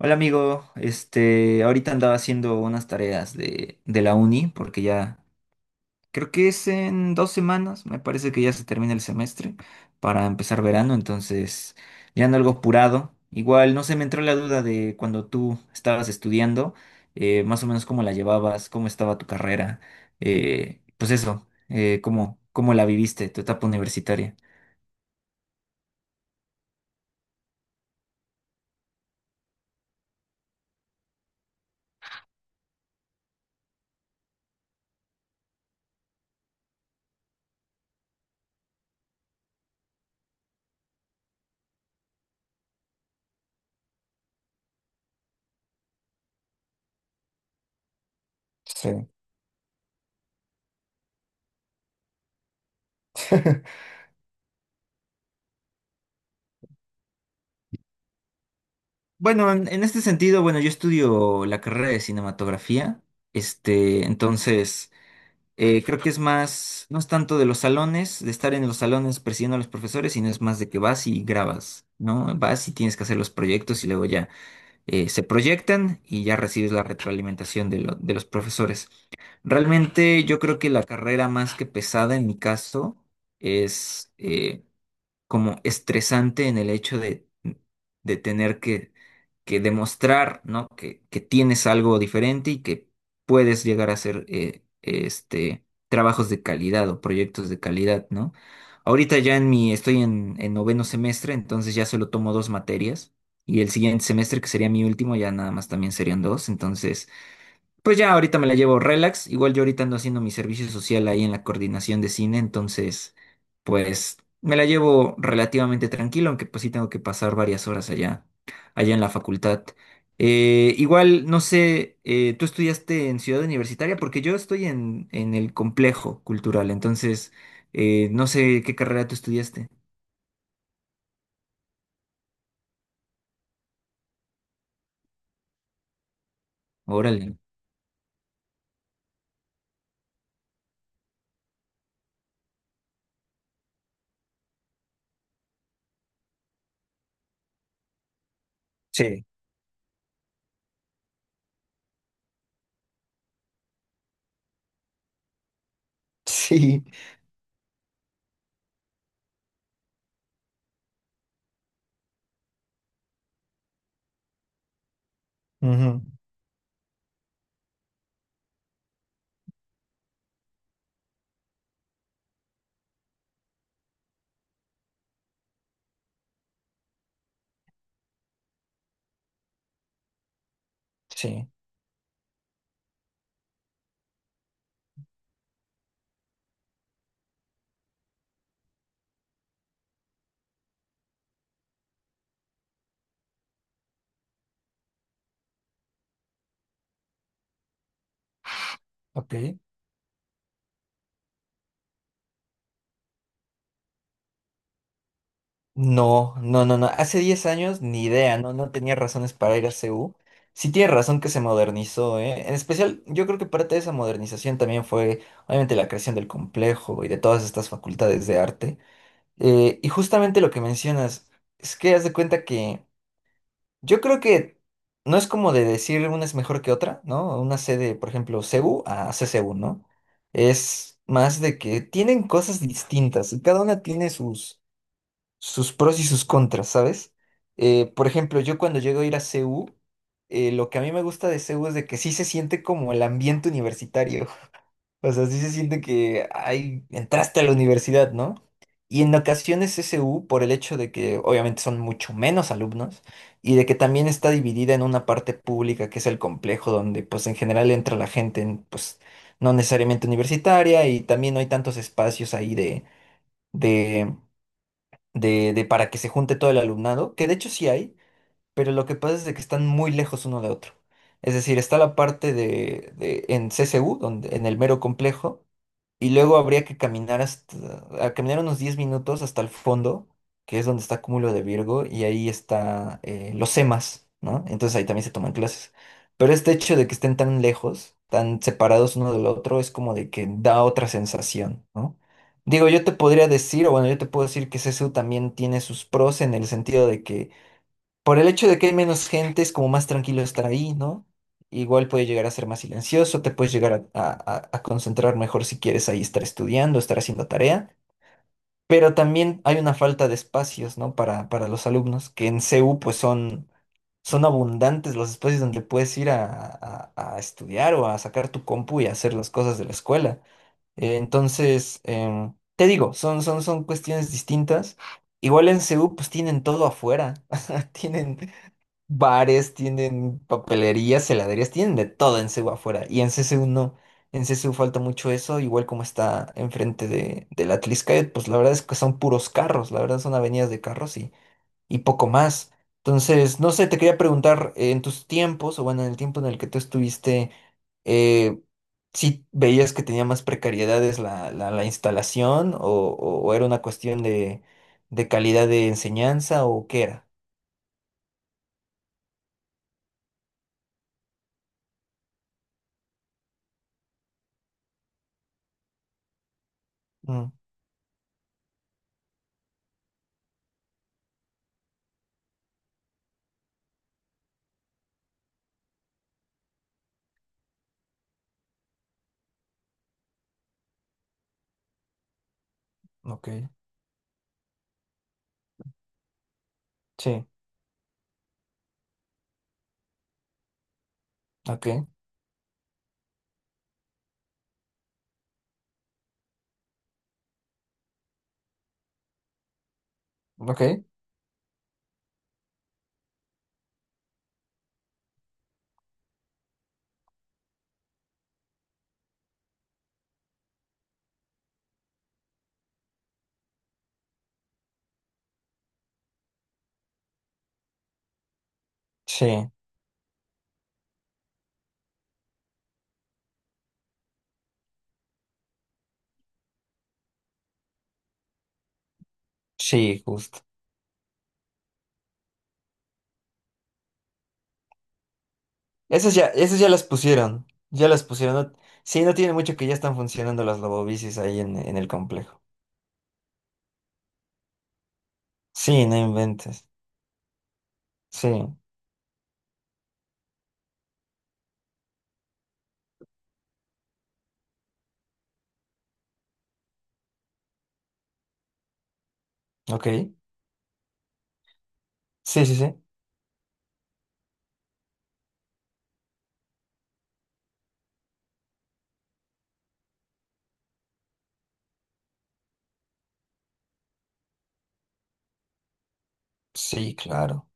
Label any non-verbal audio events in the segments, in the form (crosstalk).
Hola amigo, ahorita andaba haciendo unas tareas de la uni porque ya creo que es en 2 semanas, me parece que ya se termina el semestre para empezar verano, entonces ya ando algo apurado. Igual no se me entró la duda de cuando tú estabas estudiando, más o menos cómo la llevabas, cómo estaba tu carrera, pues eso, cómo la viviste, tu etapa universitaria. Sí. (laughs) Bueno, en este sentido, bueno, yo estudio la carrera de cinematografía, entonces creo que es más, no es tanto de los salones, de estar en los salones persiguiendo a los profesores, sino es más de que vas y grabas, ¿no? Vas y tienes que hacer los proyectos y luego ya se proyectan y ya recibes la retroalimentación de los profesores. Realmente yo creo que la carrera más que pesada en mi caso es, como estresante en el hecho de tener que demostrar, ¿no? Que tienes algo diferente y que puedes llegar a hacer trabajos de calidad o proyectos de calidad, ¿no? Ahorita ya en mi, estoy en noveno semestre, entonces ya solo tomo 2 materias. Y el siguiente semestre, que sería mi último, ya nada más también serían dos. Entonces, pues ya ahorita me la llevo relax. Igual yo ahorita ando haciendo mi servicio social ahí en la coordinación de cine, entonces pues me la llevo relativamente tranquilo, aunque pues sí tengo que pasar varias horas allá en la facultad. Igual, no sé, ¿tú estudiaste en Ciudad Universitaria? Porque yo estoy en el complejo cultural, entonces no sé qué carrera tú estudiaste. Órale. Sí. (laughs) Sí. Ujú. Sí. Ok. No, no, no, no. Hace 10 años ni idea, no, no tenía razones para ir a C U. Sí tiene razón que se modernizó, ¿eh? En especial, yo creo que parte de esa modernización también fue, obviamente, la creación del complejo y de todas estas facultades de arte. Y justamente lo que mencionas, es que haz de cuenta que yo creo que no es como de decir una es mejor que otra, ¿no? Una sede, por ejemplo, C U a C C U, ¿no? Es más de que tienen cosas distintas y cada una tiene sus pros y sus contras, ¿sabes? Por ejemplo, yo cuando llego a ir a CU, lo que a mí me gusta de CU es de que sí se siente como el ambiente universitario. (laughs) O sea, sí se siente que ay, entraste a la universidad, ¿no? Y en ocasiones SU, por el hecho de que obviamente son mucho menos alumnos y de que también está dividida en una parte pública que es el complejo donde pues en general entra la gente pues no necesariamente universitaria y también no hay tantos espacios ahí de, de para que se junte todo el alumnado, que de hecho sí hay, pero lo que pasa es de que están muy lejos uno de otro. Es decir, está la parte en CCU, donde, en el mero complejo, y luego habría que caminar a caminar unos 10 minutos hasta el fondo, que es donde está Cúmulo de Virgo, y ahí está los EMAs, ¿no? Entonces ahí también se toman clases. Pero este hecho de que estén tan lejos, tan separados uno del otro, es como de que da otra sensación, ¿no? Digo, yo te podría decir, o bueno, yo te puedo decir que C S U también tiene sus pros en el sentido de que por el hecho de que hay menos gente, es como más tranquilo estar ahí, ¿no? Igual puede llegar a ser más silencioso, te puedes llegar a concentrar mejor si quieres ahí estar estudiando, estar haciendo tarea, pero también hay una falta de espacios, ¿no? Para los alumnos, que en CU pues son abundantes los espacios donde puedes ir a estudiar o a sacar tu compu y a hacer las cosas de la escuela. Entonces, te digo, son cuestiones distintas. Igual en CU pues tienen todo afuera, (laughs) tienen bares, tienen papelerías, heladerías, tienen de todo en CEU afuera. Y en C CCU no. En C C CCU falta mucho eso, igual como está enfrente de la Atlixcáyotl, pues la verdad es que son puros carros, la verdad son avenidas de carros y poco más. Entonces, no sé, te quería preguntar, en tus tiempos, o bueno, en el tiempo en el que tú estuviste, eh, si veías que tenía más precariedades la instalación o era una cuestión de calidad de enseñanza o qué era? Mm, ok, sí. Ok, ok. Sí, sí, justo. Esas ya las pusieron. Ya las pusieron. No, sí, no tiene mucho que ya están funcionando las lobobicis ahí en el complejo. Sí, no inventes. Sí, ok. Sí, sí, sí. Sí, claro.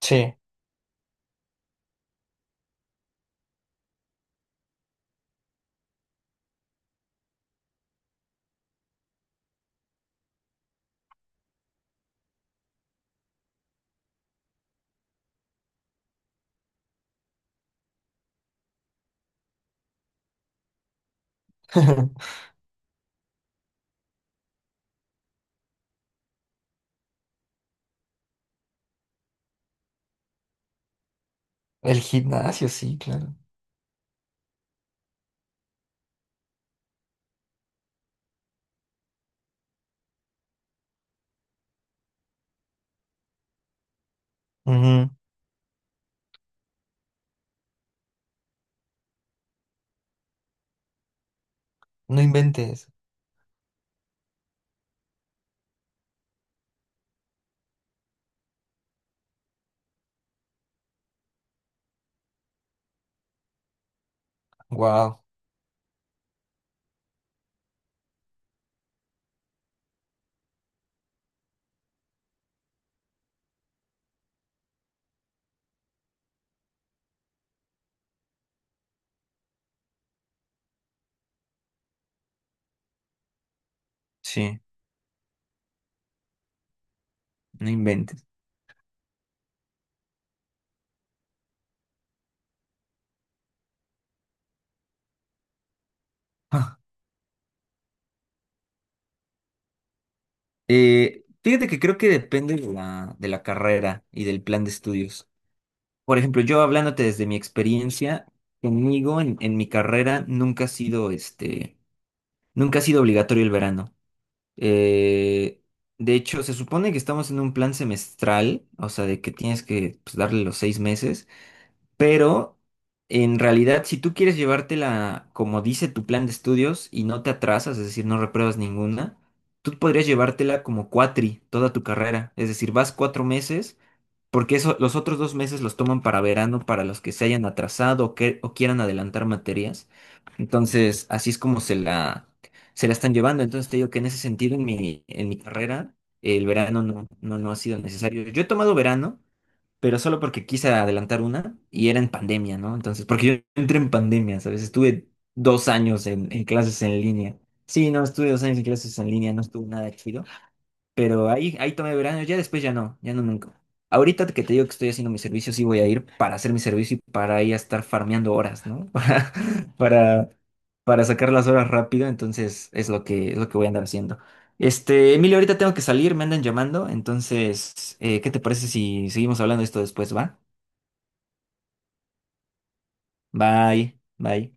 Sí. (laughs) El gimnasio, sí, claro. Ujú. No inventes. Wow. Sí, no inventes. Ah. Fíjate que creo que depende de de la carrera y del plan de estudios. Por ejemplo, yo hablándote desde mi experiencia, conmigo en mi carrera nunca ha sido nunca ha sido obligatorio el verano. Eh, de hecho, se supone que estamos en un plan semestral, o sea, de que tienes que pues, darle los 6 meses, pero en realidad, si tú quieres llevártela como dice tu plan de estudios y no te atrasas, es decir, no repruebas ninguna, tú podrías llevártela como cuatri toda tu carrera, es decir, vas 4 meses. Porque eso, los otros 2 meses los toman para verano, para los que se hayan atrasado o quieran adelantar materias. Entonces, así es como se la están llevando. Entonces, te digo que en ese sentido, en mi carrera, el verano no ha sido necesario. Yo he tomado verano, pero solo porque quise adelantar una y era en pandemia, ¿no? Entonces, porque yo entré en pandemia, ¿sabes? Estuve 2 años en clases en línea. Sí, no, estuve dos años en clases en línea, no estuvo nada chido. Pero ahí tomé verano, ya después ya no, ya no nunca. Ahorita que te digo que estoy haciendo mi servicio, sí voy a ir para hacer mi servicio y para ir a estar farmeando horas, ¿no? (laughs) Para, para sacar las horas rápido, entonces es lo que voy a andar haciendo. Emilio, ahorita tengo que salir, me andan llamando, entonces, ¿qué te parece si seguimos hablando de esto después, va? Bye, bye.